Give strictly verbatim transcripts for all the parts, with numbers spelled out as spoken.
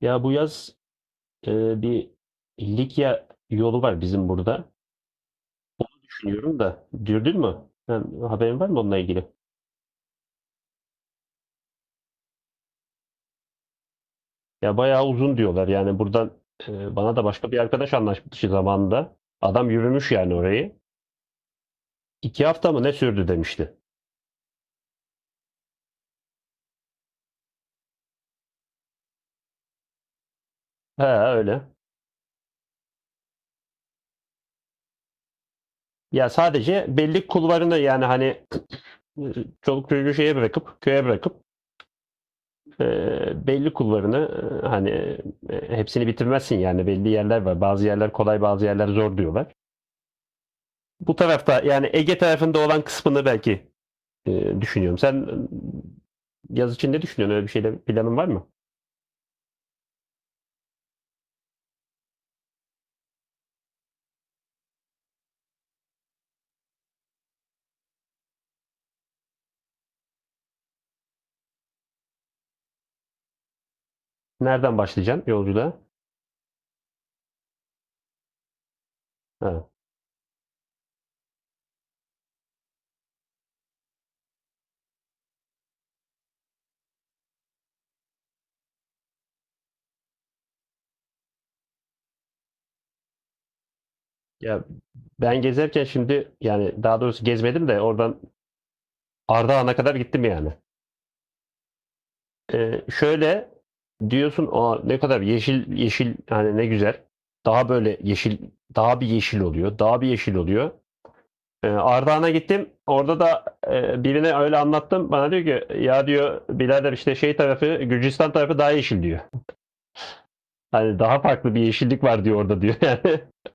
Ya bu yaz e, bir Likya yolu var bizim burada. Düşünüyorum da. Dürdün mü? Sen, haberin var mı onunla ilgili? Ya bayağı uzun diyorlar. Yani buradan e, bana da başka bir arkadaş anlaşmıştı zamanında. Adam yürümüş yani orayı. İki hafta mı ne sürdü demişti. He öyle. Ya sadece belli kulvarını yani hani e, çoluk çocuğu şeye bırakıp köye bırakıp e, belli kulvarını e, hani e, hepsini bitirmezsin yani belli yerler var. Bazı yerler kolay bazı yerler zor diyorlar. Bu tarafta yani Ege tarafında olan kısmını belki e, düşünüyorum. Sen e, yaz için ne düşünüyorsun? Öyle bir şeyle planın var mı? Nereden başlayacaksın yolculuğa? Ha. Ya ben gezerken şimdi yani daha doğrusu gezmedim de oradan Ardahan'a kadar gittim yani. E, şöyle diyorsun o ne kadar yeşil yeşil hani ne güzel. Daha böyle yeşil daha bir yeşil oluyor. Daha bir yeşil oluyor. Ee, Ardahan'a gittim. Orada da e, birine öyle anlattım. Bana diyor ki ya diyor birader işte şey tarafı Gürcistan tarafı daha yeşil diyor. Hani daha farklı bir yeşillik var diyor orada diyor yani.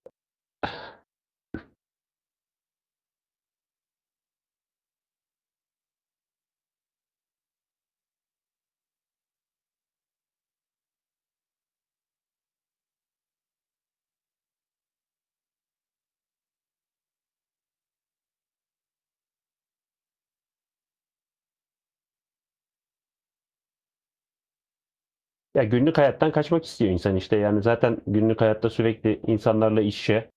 Ya günlük hayattan kaçmak istiyor insan işte yani zaten günlük hayatta sürekli insanlarla iç içe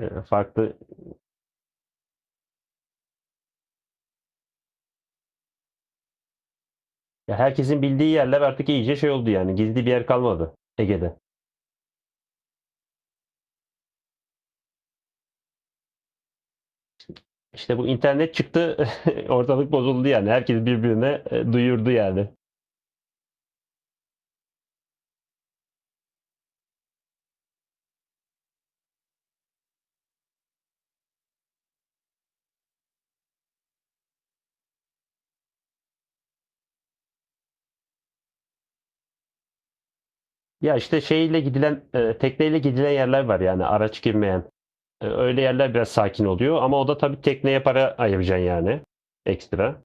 e, farklı. Ya herkesin bildiği yerler artık iyice şey oldu yani gizli bir yer kalmadı Ege'de. İşte bu internet çıktı, ortalık bozuldu yani. Herkes birbirine e, duyurdu yani. Ya işte şeyle gidilen, e, tekneyle gidilen yerler var yani araç girmeyen. E, öyle yerler biraz sakin oluyor ama o da tabii tekneye para ayıracaksın yani ekstra.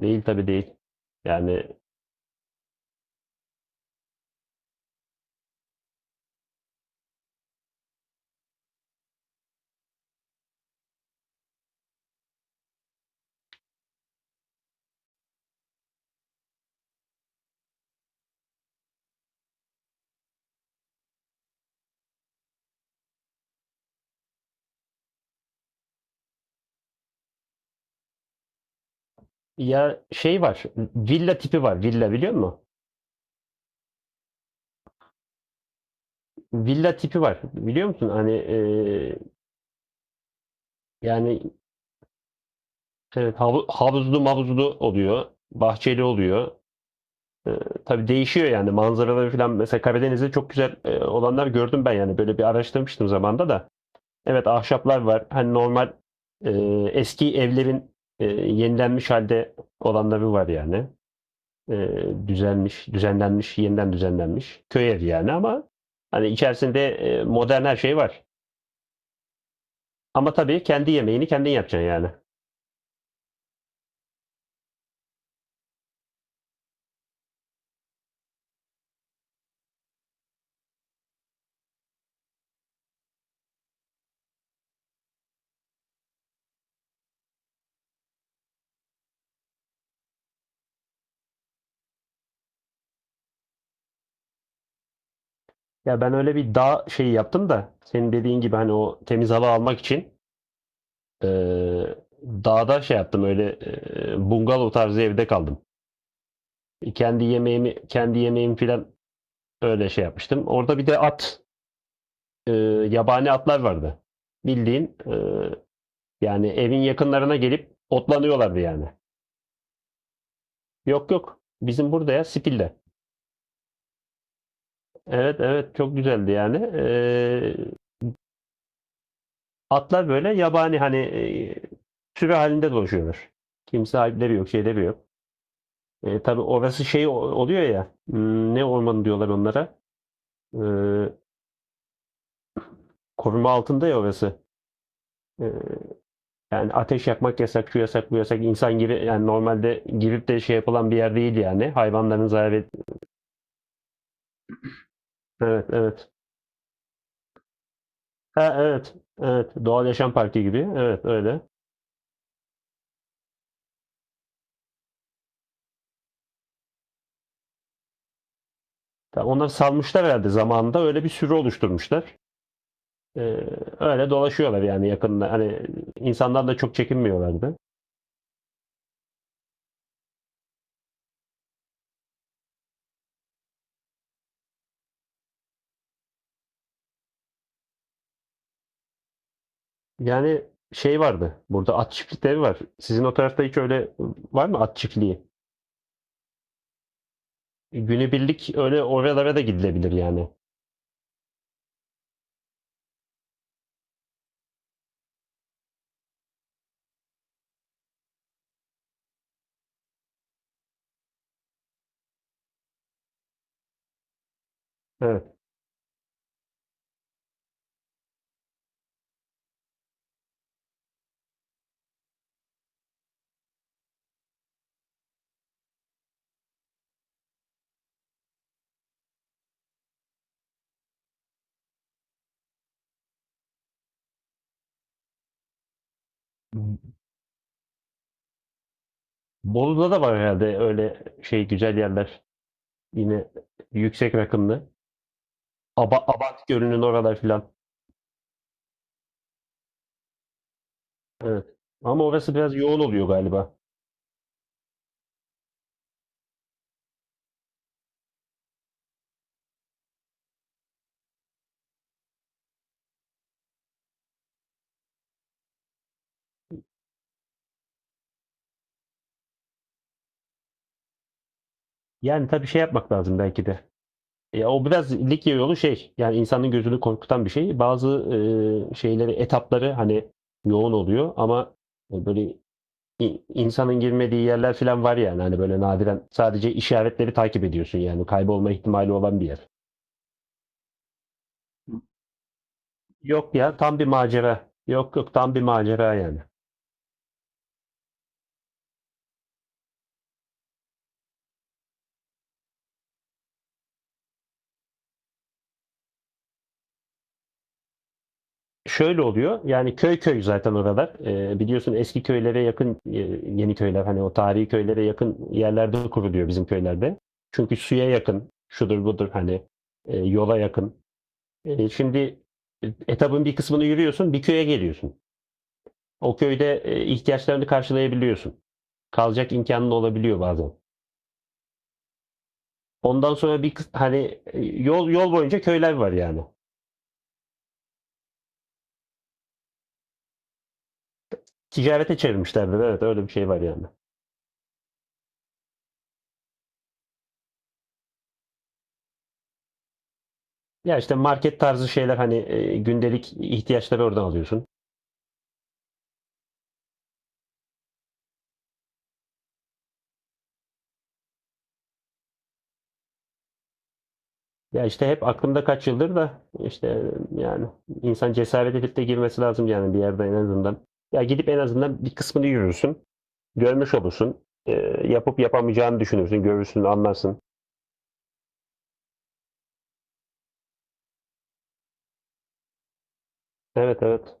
Değil tabii değil. Yani ya şey var, villa tipi var. Villa biliyor musun? Villa tipi var. Biliyor musun? Hani e, yani evet, havu- havuzlu mavuzlu oluyor, bahçeli oluyor. Ee, tabii değişiyor yani manzaraları falan. Mesela Karadeniz'de çok güzel e, olanlar gördüm ben yani. Böyle bir araştırmıştım zamanda da. Evet ahşaplar var. Hani normal e, eski evlerin e, yenilenmiş halde olanları var yani. E, Düzelmiş, düzenlenmiş, yeniden düzenlenmiş. Köy evi yani ama hani içerisinde e, modern her şey var. Ama tabii kendi yemeğini kendin yapacaksın yani. Ya ben öyle bir dağ şeyi yaptım da senin dediğin gibi hani o temiz hava almak için Eee, dağda şey yaptım öyle eee, bungalov tarzı evde kaldım. Kendi yemeğimi kendi yemeğimi filan öyle şey yapmıştım. Orada bir de at eee, yabani atlar vardı. Bildiğin eee, yani evin yakınlarına gelip otlanıyorlardı yani. Yok yok bizim burada ya Spil'de. Evet evet çok güzeldi yani. Eee, atlar böyle yabani hani eee, sürü halinde dolaşıyorlar. Kimse sahipleri yok şeyleri yok. E, tabii orası şey oluyor ya. hmm, Ne ormanı diyorlar onlara? Ee, Koruma altında ya orası. Ee, Yani ateş yakmak yasak, şu yasak, bu yasak. İnsan giri yani normalde girip de şey yapılan bir yer değil yani. Hayvanların zarar et- Evet, evet. Ha, evet, evet. Doğal Yaşam Parkı gibi. Evet, öyle. Ta- Onlar salmışlar herhalde zamanında. Öyle bir sürü oluşturmuşlar. Ee, Öyle dolaşıyorlar yani yakında. Hani insanlar da çok çekinmiyorlardı. Yani şey vardı. Burada at çiftlikleri var. Sizin o tarafta hiç öyle var mı at çiftliği? Günübirlik öyle oralara da gidilebilir yani. Evet. Bolu'da da var herhalde öyle şey güzel yerler. Yine yüksek rakımlı. Aba Abant Gölü'nün oralar filan. Evet. Ama orası biraz yoğun oluyor galiba. Yani tabii şey yapmak lazım belki de. Ya o biraz lig yolu şey yani insanın gözünü korkutan bir şey. Bazı e, şeyleri etapları hani yoğun oluyor ama e, böyle i- insanın girmediği yerler falan var yani hani böyle nadiren sadece işaretleri takip ediyorsun yani kaybolma ihtimali olan bir yer. Yok ya tam bir macera. Yok yok tam bir macera yani. Şöyle oluyor. Yani köy köy zaten oralar. Ee, biliyorsun eski köylere yakın e, yeni köyler hani o tarihi köylere yakın yerlerde kuruluyor bizim köylerde. Çünkü suya yakın, şudur budur hani e, yola yakın. E, şimdi etabın bir kısmını yürüyorsun, bir köye geliyorsun. O köyde e, ihtiyaçlarını karşılayabiliyorsun. Kalacak imkanın olabiliyor bazen. Ondan sonra bir kıs- hani e, yol yol boyunca köyler var yani. Ticarete çevirmişlerdir. Evet öyle bir şey var yani. Ya işte market tarzı şeyler hani e, gündelik ihtiyaçları oradan alıyorsun. Ya işte hep aklımda kaç yıldır da işte e, yani insan cesaret edip de girmesi lazım yani bir yerde en azından. Ya gidip en azından bir kısmını yürürsün. Görmüş olursun. E, yapıp yapamayacağını düşünürsün. Görürsün, anlarsın. Evet evet.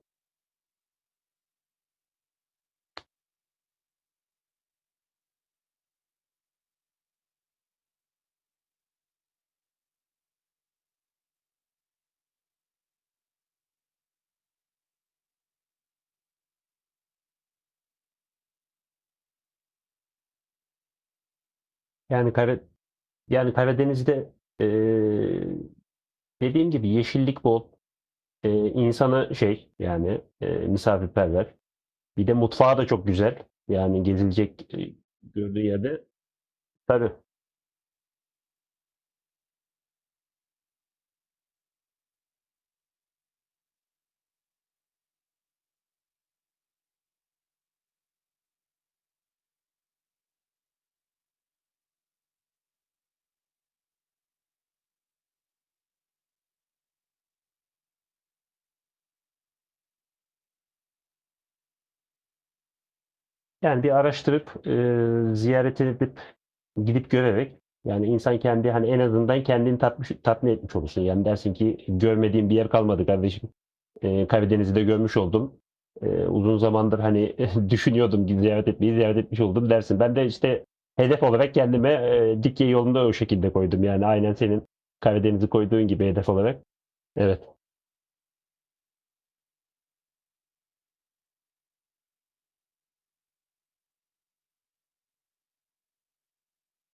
Yani Kara, yani Karadeniz'de e, dediğim gibi yeşillik bol. E, insanı şey yani e, misafirperver. Bir de mutfağı da çok güzel. Yani gezilecek e, gördüğü yerde. Tabii. Yani bir araştırıp e, ziyaret edip gidip görerek yani insan kendi hani en azından kendini tatmış, tatmin etmiş olursun. Yani dersin ki görmediğim bir yer kalmadı kardeşim. E, Karadeniz'i de görmüş oldum. E, uzun zamandır hani düşünüyordum ki ziyaret etmeyi ziyaret etmiş oldum dersin. Ben de işte hedef olarak kendime e, Likya yolunda o şekilde koydum. Yani aynen senin Karadeniz'i koyduğun gibi hedef olarak. Evet.